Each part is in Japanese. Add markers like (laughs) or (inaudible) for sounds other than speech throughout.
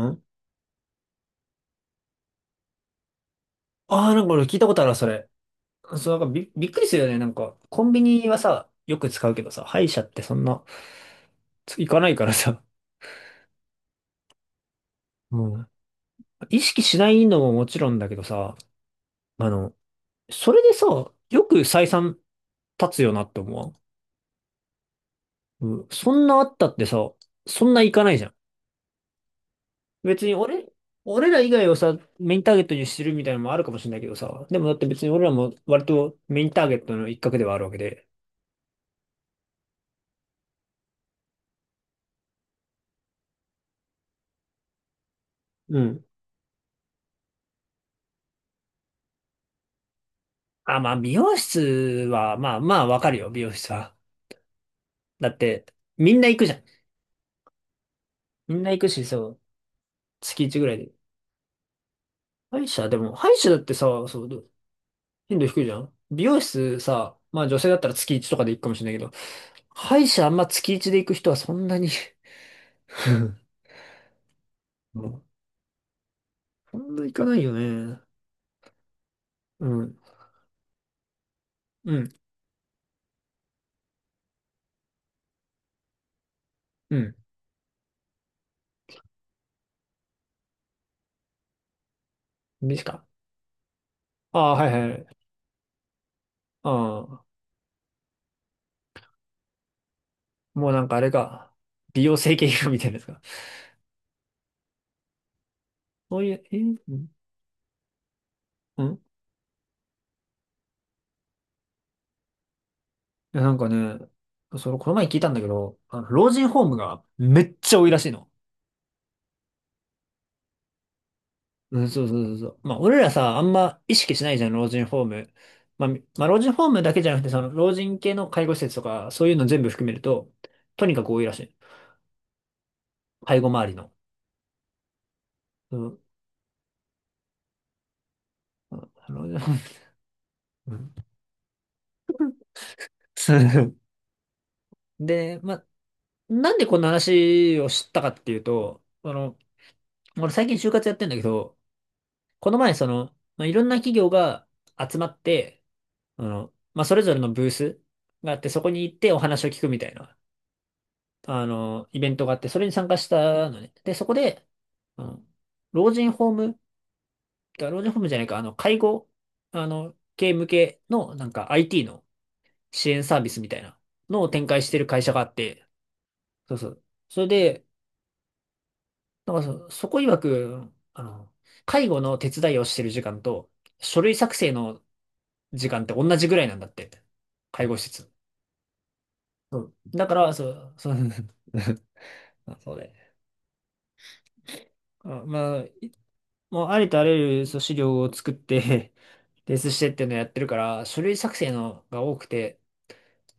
んなんか俺聞いたことあるわ、それ。そう、なんかびっくりするよね。なんか、コンビニはさ、よく使うけどさ、歯医者ってそんな、行かないからさ、もうん。意識しないのももちろんだけどさ、あの、それでさ、よく採算立つよなって思わん。うん、そんなあったってさ、そんな行かないじゃん。別に俺ら以外をさ、メインターゲットにしてるみたいなのもあるかもしれないけどさ、でもだって別に俺らも割とメインターゲットの一角ではあるわけで、うん。あ、まあ、美容室は、まあまあ、わかるよ、美容室は。だって、みんな行くじゃん。みんな行くし、そう、月1ぐらいで。歯医者だってさ、頻度低いじゃん。美容室さ、まあ女性だったら月1とかで行くかもしれないけど、歯医者あんま月1で行く人はそんなに (laughs) もうそんな行かないよね。うん、うん、うん。ですか。ああ、はいはいはい。ああ、もうなんかあれか。美容整形外科みたいなやつか。そういう、え、うん、うん、いや、なんかね、その、この前聞いたんだけど、あの老人ホームがめっちゃ多いらしいの。うん、そうそうそうそう。まあ、俺らさ、あんま意識しないじゃん、老人ホーム。まあ、老人ホームだけじゃなくて、その、老人系の介護施設とか、そういうの全部含めると、とにかく多いらしい。介護周りの。うん。うん。老人ホーム。 (laughs) うん、そう。 (laughs) で、まあ、なんでこんな話を知ったかっていうと、あの、俺最近就活やってんだけど、この前、その、まあ、いろんな企業が集まって、あの、まあ、それぞれのブースがあって、そこに行ってお話を聞くみたいな、あの、イベントがあって、それに参加したのね。で、そこで、あの、老人ホーム、老人ホームじゃないか、あの、介護、あの、系向けの、なんか IT の支援サービスみたいなのを展開してる会社があって、そうそう。それで、なんかそこ曰く、あの、介護の手伝いをしてる時間と、書類作成の時間って同じぐらいなんだって。介護施設。そう。だから、そう、そう、(laughs) あそうだね。あまあ、もうありとあらゆるそう資料を作って提出 (laughs) してっていうのをやってるから、書類作成のが多くて、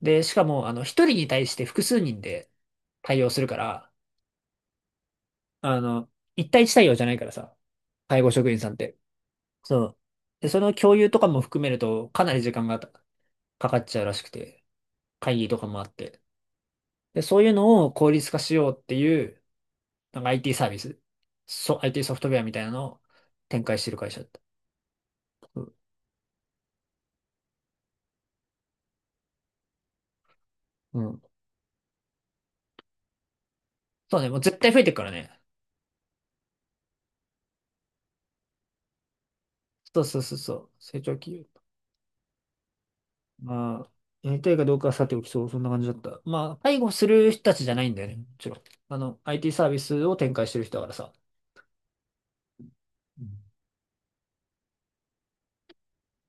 で、しかも、あの、一人に対して複数人で対応するから、あの、一対一対応じゃないからさ、介護職員さんって。そう。で、その共有とかも含めると、かなり時間がかっちゃうらしくて、会議とかもあって。で、そういうのを効率化しようっていうなんか IT サービス、IT ソフトウェアみたいなのを展開してる会社だった。うん。うん、そうね、もう絶対増えてるからね。そうそうそうそう。成長企業。まあ、やりたいかどうかはさておきそんな感じだった。まあ、介護する人たちじゃないんだよね、もちろん。あの、IT サービスを展開してる人だからさ。うん、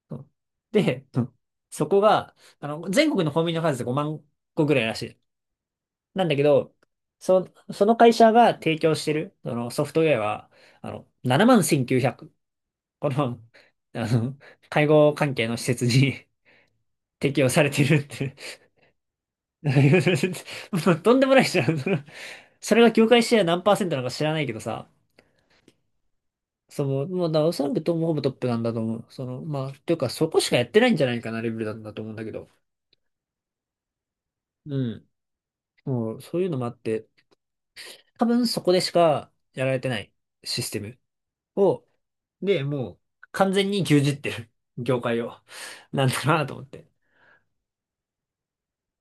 そう。で、うん、そこが、あの、全国のコンビニの数で5万個ぐらいらしい。なんだけど、そ、その会社が提供してる、そのソフトウェアは、あの、7万1900この、あの、介護関係の施設に (laughs) 適用されてるって。 (laughs) もうとんでもないじゃん。その、それが業界シェア何パーセントなのか知らないけどさ、その、もうだ、おそらくほぼトップなんだと思う。その、まあ、というかそこしかやってないんじゃないかなレベルなんだと思うんだけど。うん。もう、そういうのもあって、多分そこでしかやられてないシステムを、で、もう、完全に牛耳ってる業界を。なんだなと思って。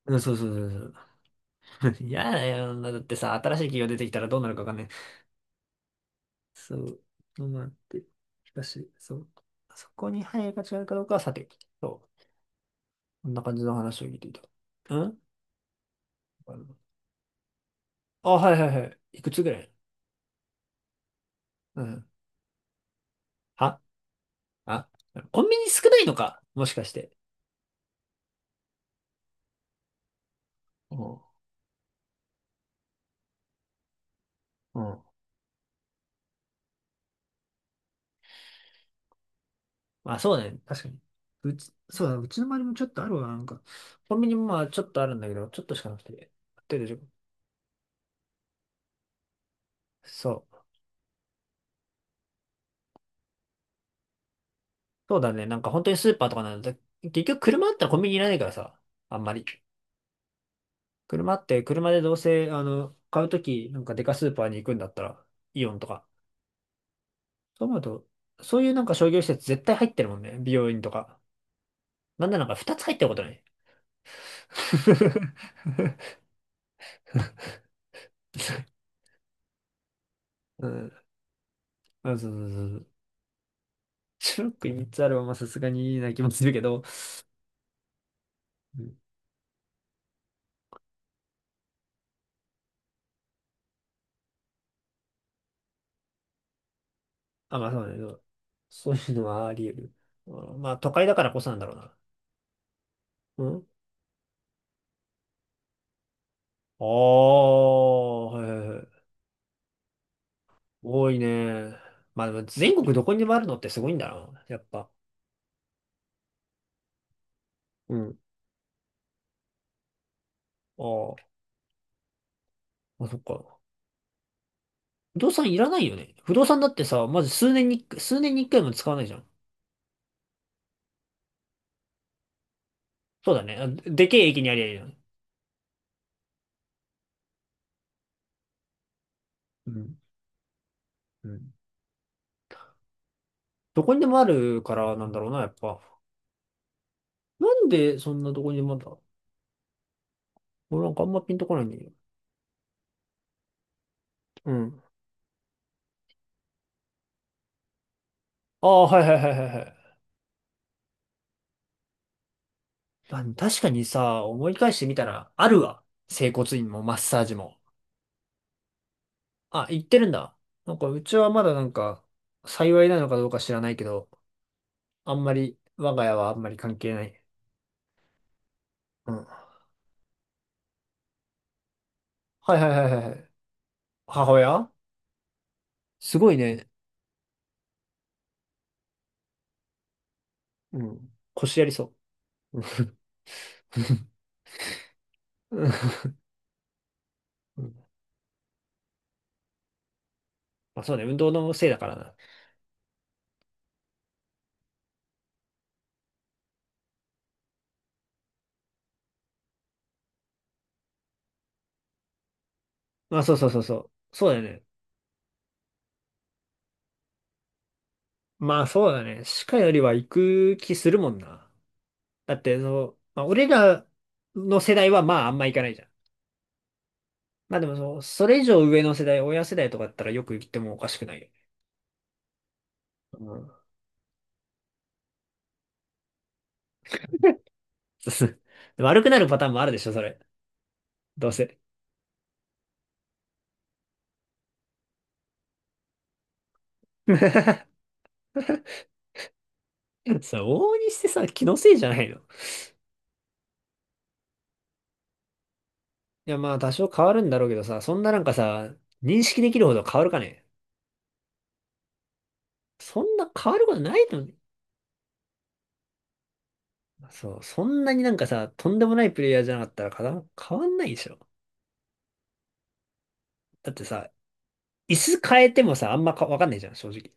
うん、そうそうそうそう。(laughs) 嫌だよ。だってさ、新しい企業出てきたらどうなるかわかんない。そう。どうなって。しかし、そう。そこに配慮が違うかどうかはさておき。そう。こんな感じの話を聞いていた。うん。あ、はいはいはい。いくつぐらい？うん。はあ、コンビニ少ないのかもしかして。うん、うん。まあそうだね。確かに。うち、そうだ、うちの周りもちょっとあるわ。なんか、コンビニもまあちょっとあるんだけど、ちょっとしかなくて。ある程度十分。そう。そうだね。なんか本当にスーパーとかなんだ。結局車あったらコンビニいらないからさ。あんまり。車でどうせ、あの、買うとき、なんかデカスーパーに行くんだったら、イオンとか。そう思うと、そういうなんか商業施設絶対入ってるもんね。美容院とか。なんならなんか2つ入ってることない？(laughs) うん。あ、そうそうそうそう。ショック3つあるはまあさすがにいいな気もするけど。うん。あ、まあそうね。そうそういうのはあり得る。うん。まあ都会だからこそなんだろうな。うん。ああー、はいはいはい。多いね。まあでも全国どこにでもあるのってすごいんだな。やっぱ。うん。ああ、そっか。不動産いらないよね。不動産だってさ、まず数年に、数年に一回も使わないじゃん。そうだね。あでけえ駅にありゃいいよね。うん。うん。どこにでもあるからなんだろうな、やっぱ。なんでそんなどこにでもあるんだ。俺なんかあんまピンとこないんだけど。うん。ああ、はいはいはいはいはい。まあ、確かにさ、思い返してみたら、あるわ。整骨院もマッサージも。あ、行ってるんだ。なんか、うちはまだなんか、幸いなのかどうか知らないけど、あんまり、我が家はあんまり関係ない。うん。はいはいはいはいはい。母親すごいね。うん。腰やりそう。うん。(laughs) うん。まあそうね、運動のせいだからな。まあそうそうそうそう。そうだよね。まあそうだね。歯科よりは行く気するもんな。だって、その、まあ俺らの世代はまああんま行かないじゃん。まあでもその、それ以上上の世代、親世代とかだったらよく行ってもおかしくないよね。(laughs) でも悪くなるパターンもあるでしょ、それ。どうせ。(laughs) さ、往々にしてさ、気のせいじゃないの？いや、まあ、多少変わるんだろうけどさ、そんななんかさ、認識できるほど変わるかね。そんな変わることないのに。そう、そんなになんかさ、とんでもないプレイヤーじゃなかったらかな変わんないでしょ。だってさ、椅子変えてもさ、あんまかわかんないじゃん、正直。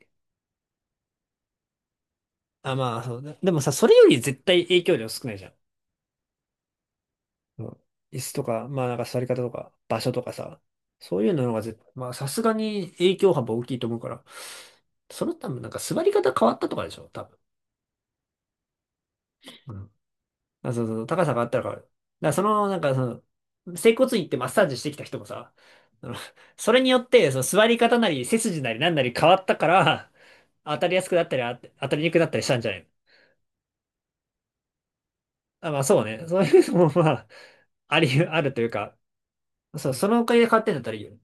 あ、まあ、そう。でもさ、それより絶対影響量少ないじゃん。うん。椅子とか、まあなんか座り方とか、場所とかさ、そういうのがまあさすがに影響幅大きいと思うから、その多分なんか座り方変わったとかでしょ、多分。うん。あ、そうそうそう、高さがあったら変わる。だからその、整骨院行ってマッサージしてきた人もさ、あのそれによって、その座り方なり背筋なりなんなり変わったから、当たりやすくなったり、当たりにくくなったりしたんじゃないの？あ、まあそうね。そういうのもまあ、あるというか、そう、そのおかげで変わってんだったらいいよね。